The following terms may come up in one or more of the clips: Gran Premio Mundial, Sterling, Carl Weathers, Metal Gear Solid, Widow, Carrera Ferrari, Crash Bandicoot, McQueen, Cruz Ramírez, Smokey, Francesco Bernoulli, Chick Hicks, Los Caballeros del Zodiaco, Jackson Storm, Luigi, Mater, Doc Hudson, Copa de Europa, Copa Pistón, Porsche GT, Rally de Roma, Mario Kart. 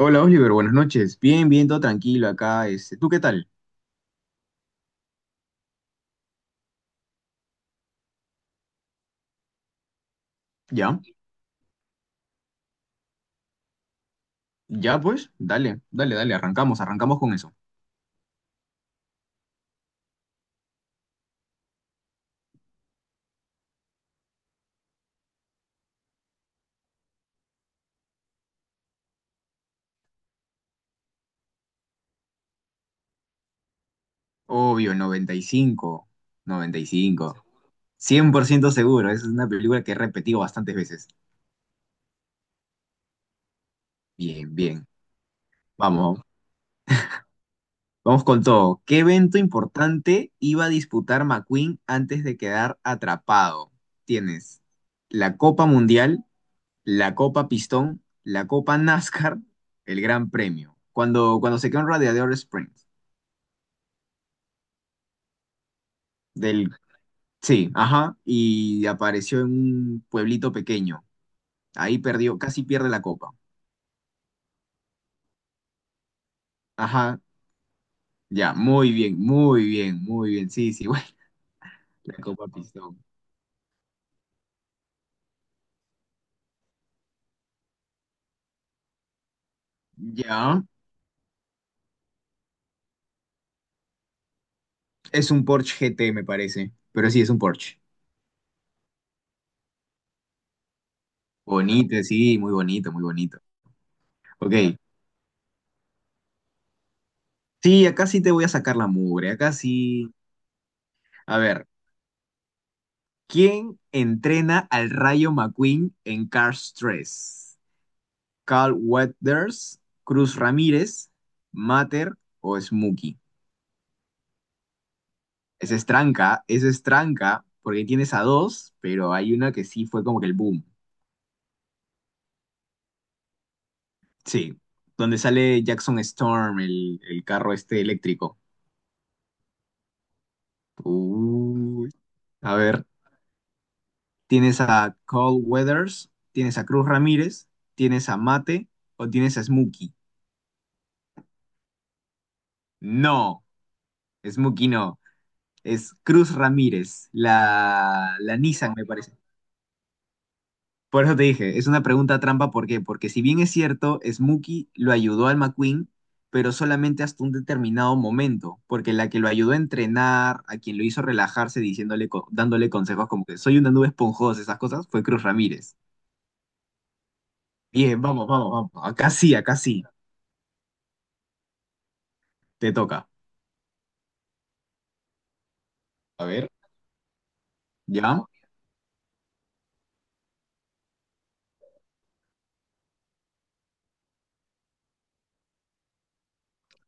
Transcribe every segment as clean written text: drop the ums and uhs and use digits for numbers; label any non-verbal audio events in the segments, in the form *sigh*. Hola Oliver, buenas noches. Bien, bien, todo tranquilo acá. ¿Tú qué tal? ¿Ya? ¿Ya pues? Dale, dale, dale, arrancamos, arrancamos con eso. Obvio, noventa y cinco, 95, 100% seguro, esa es una película que he repetido bastantes veces. Bien, bien. Vamos, vamos con todo. ¿Qué evento importante iba a disputar McQueen antes de quedar atrapado? Tienes la Copa Mundial, la Copa Pistón, la Copa NASCAR, el Gran Premio. Cuando se quedó en Radiador Springs. Del, sí, ajá. Y apareció en un pueblito pequeño. Ahí perdió, casi pierde la Copa. Ajá. Ya, muy bien, muy bien, muy bien. Sí, sí, *laughs* bueno, la Copa Pistón. Ya. Es un Porsche GT, me parece. Pero sí, es un Porsche. Bonito, sí, muy bonito, muy bonito. Ok. Sí, acá sí te voy a sacar la mugre. Acá sí. A ver. ¿Quién entrena al Rayo McQueen en Cars 3? ¿Carl Weathers, Cruz Ramírez, Mater o Smokey? Esa es tranca, porque tienes a dos, pero hay una que sí fue como que el boom. Sí, donde sale Jackson Storm, el carro este eléctrico. Uy. A ver, tienes a Carl Weathers, tienes a Cruz Ramírez, tienes a Mate o tienes a Smokey. No, Smokey no. Es Cruz Ramírez, la Nissan, me parece. Por eso te dije, es una pregunta trampa, ¿por qué? Porque si bien es cierto, Smokey lo ayudó al McQueen, pero solamente hasta un determinado momento, porque la que lo ayudó a entrenar, a quien lo hizo relajarse diciéndole, dándole consejos como que soy una nube esponjosa, esas cosas, fue Cruz Ramírez. Bien, vamos, vamos, vamos. Acá sí, te toca. A ver. ¿Ya?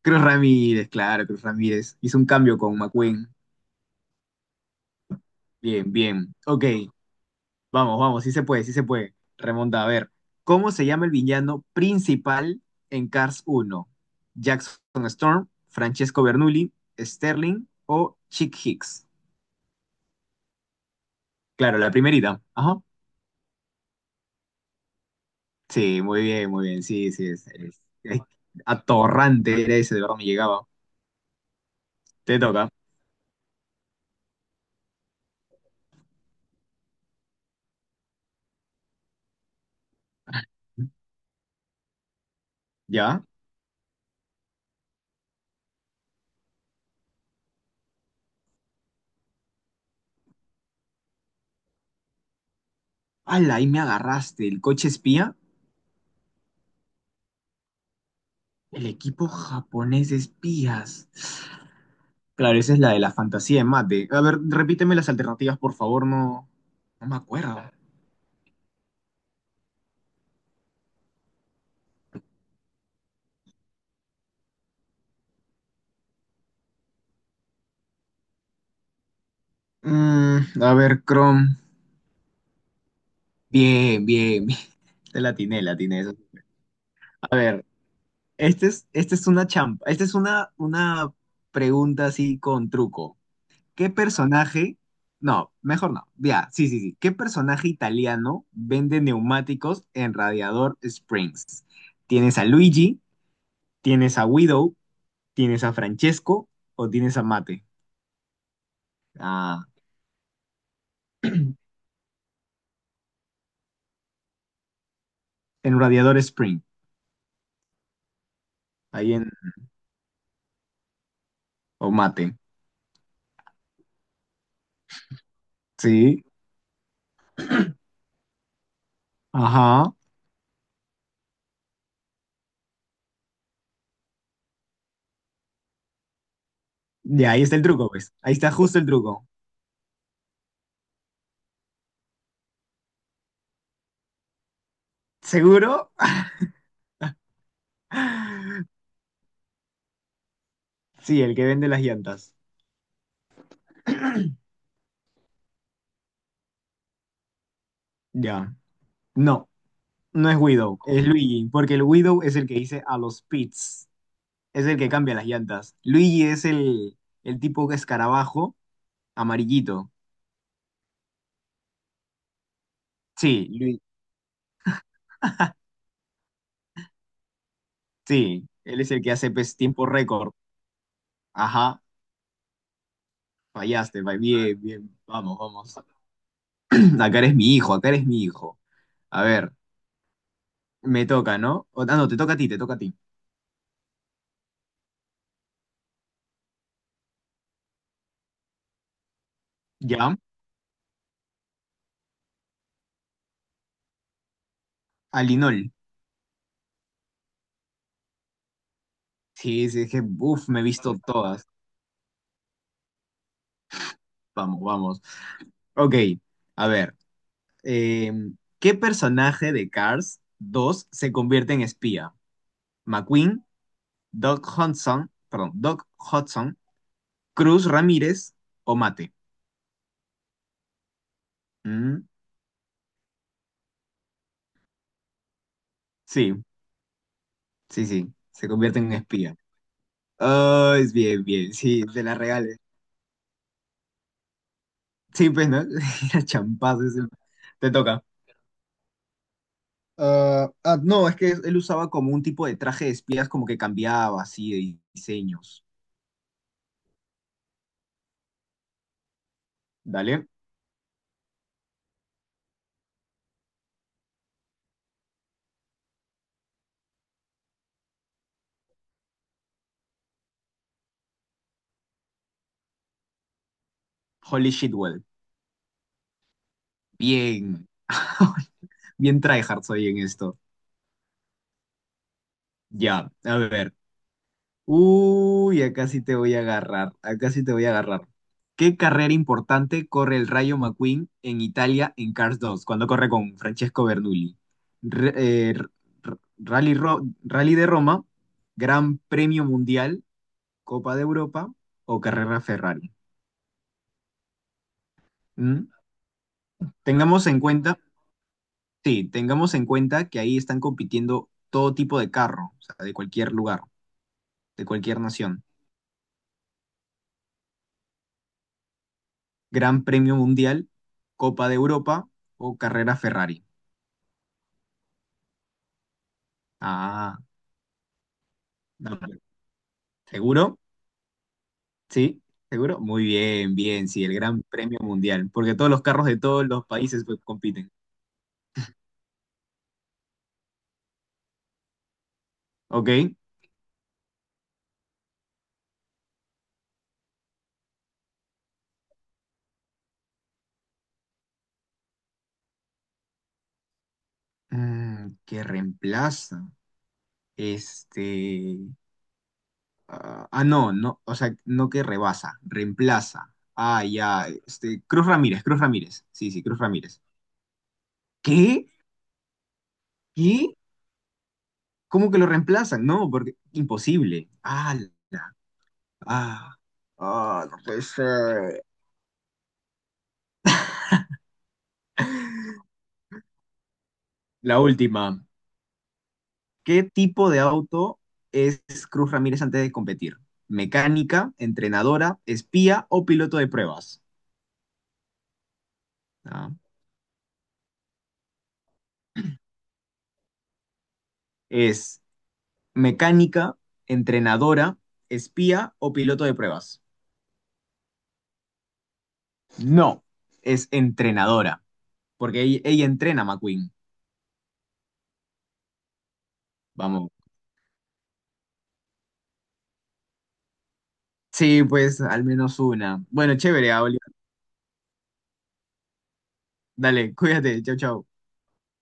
Cruz Ramírez, claro, Cruz Ramírez. Hizo un cambio con McQueen. Bien, bien. Ok. Vamos, vamos, sí se puede, sí se puede. Remonta, a ver. ¿Cómo se llama el villano principal en Cars 1? ¿Jackson Storm, Francesco Bernoulli, Sterling o Chick Hicks? Claro, la primerita. Ajá. Sí, muy bien, muy bien. Sí, sí, es atorrante era ese, de verdad me llegaba. Te toca. ¿Ya? ¡Hala! Ahí me agarraste. ¿El coche espía? El equipo japonés de espías. Claro, esa es la de la fantasía de mate. A ver, repíteme las alternativas, por favor, no, no me acuerdo. A ver, Chrome. Bien, bien, bien. Te la atiné, la atiné. Eso. Sí. A ver, esta es una champa. Esta es una pregunta así con truco. ¿Qué personaje? No, mejor no. Ya, sí, sí, sí. ¿Qué personaje italiano vende neumáticos en Radiador Springs? ¿Tienes a Luigi? ¿Tienes a Widow? ¿Tienes a Francesco? ¿O tienes a Mate? Ah, en Radiador Spring, ahí en Omate. Sí, ajá. Ya, ahí está el truco, pues. Ahí está justo el truco. ¿Seguro? *laughs* Sí, el que vende las llantas. Ya. No, no es Widow, es Luigi, porque el Widow es el que dice a los pits, es el que cambia las llantas. Luigi es el tipo que escarabajo amarillito. Sí, Lu- sí, él es el que hace pues, tiempo récord. Ajá, fallaste, va bien, bien, vamos, vamos. *clears throat* Acá eres mi hijo, acá eres mi hijo. A ver. Me toca, ¿no? Ah, no, te toca a ti, te toca a ti. ¿Ya? Alinol. Sí, sí, es que, uff, me he visto todas. Vamos, vamos. Ok, a ver. eh, ¿Qué personaje de Cars 2 se convierte en espía? ¿McQueen, Doc Hudson, perdón, Doc Hudson, Cruz Ramírez o Mate? Mm, Sí, sí, sí, se convierte en espía. Oh, es bien, bien, sí, te la regales. Sí, pues, ¿no? *laughs* Era champazo ese. Te toca. Ah, ah, no, es que él usaba como un tipo de traje de espías, como que cambiaba así de diseños. Dale. Holy shitwell. Bien, *laughs* bien tryhard soy en esto. Ya, a ver. Uy, acá sí te voy a agarrar. Acá sí te voy a agarrar. ¿Qué carrera importante corre el Rayo McQueen en Italia en Cars 2 cuando corre con Francesco Bernoulli? Re- eh, r- Rally de Roma, Gran Premio Mundial, Copa de Europa o Carrera Ferrari. ¿Mm? Tengamos en cuenta, sí, tengamos en cuenta que ahí están compitiendo todo tipo de carro, o sea, de cualquier lugar, de cualquier nación. Gran Premio Mundial, Copa de Europa o Carrera Ferrari. Ah, no, ¿seguro? Sí, ¿seguro? Muy bien, bien, sí, el Gran Premio Mundial, porque todos los carros de todos los países pues, compiten. Ok. ¿Qué reemplaza? Este, Ah, ah, no, no, o sea, no que rebasa, reemplaza. Ah, ya, Cruz Ramírez, Cruz Ramírez. Sí, sí, Cruz Ramírez. ¿Qué? ¿Qué? ¿Cómo que lo reemplazan? No, porque imposible. Ah, la- ah, ah, no puede ser. La última. ¿Qué tipo de auto es Cruz Ramírez antes de competir? ¿Mecánica, entrenadora, espía o piloto de pruebas? Ah, es mecánica, entrenadora, espía o piloto de pruebas. No, es entrenadora, porque ella entrena a McQueen. Vamos. Sí, pues al menos una. Bueno, chévere, Oliver. Dale, cuídate. Chau, chau.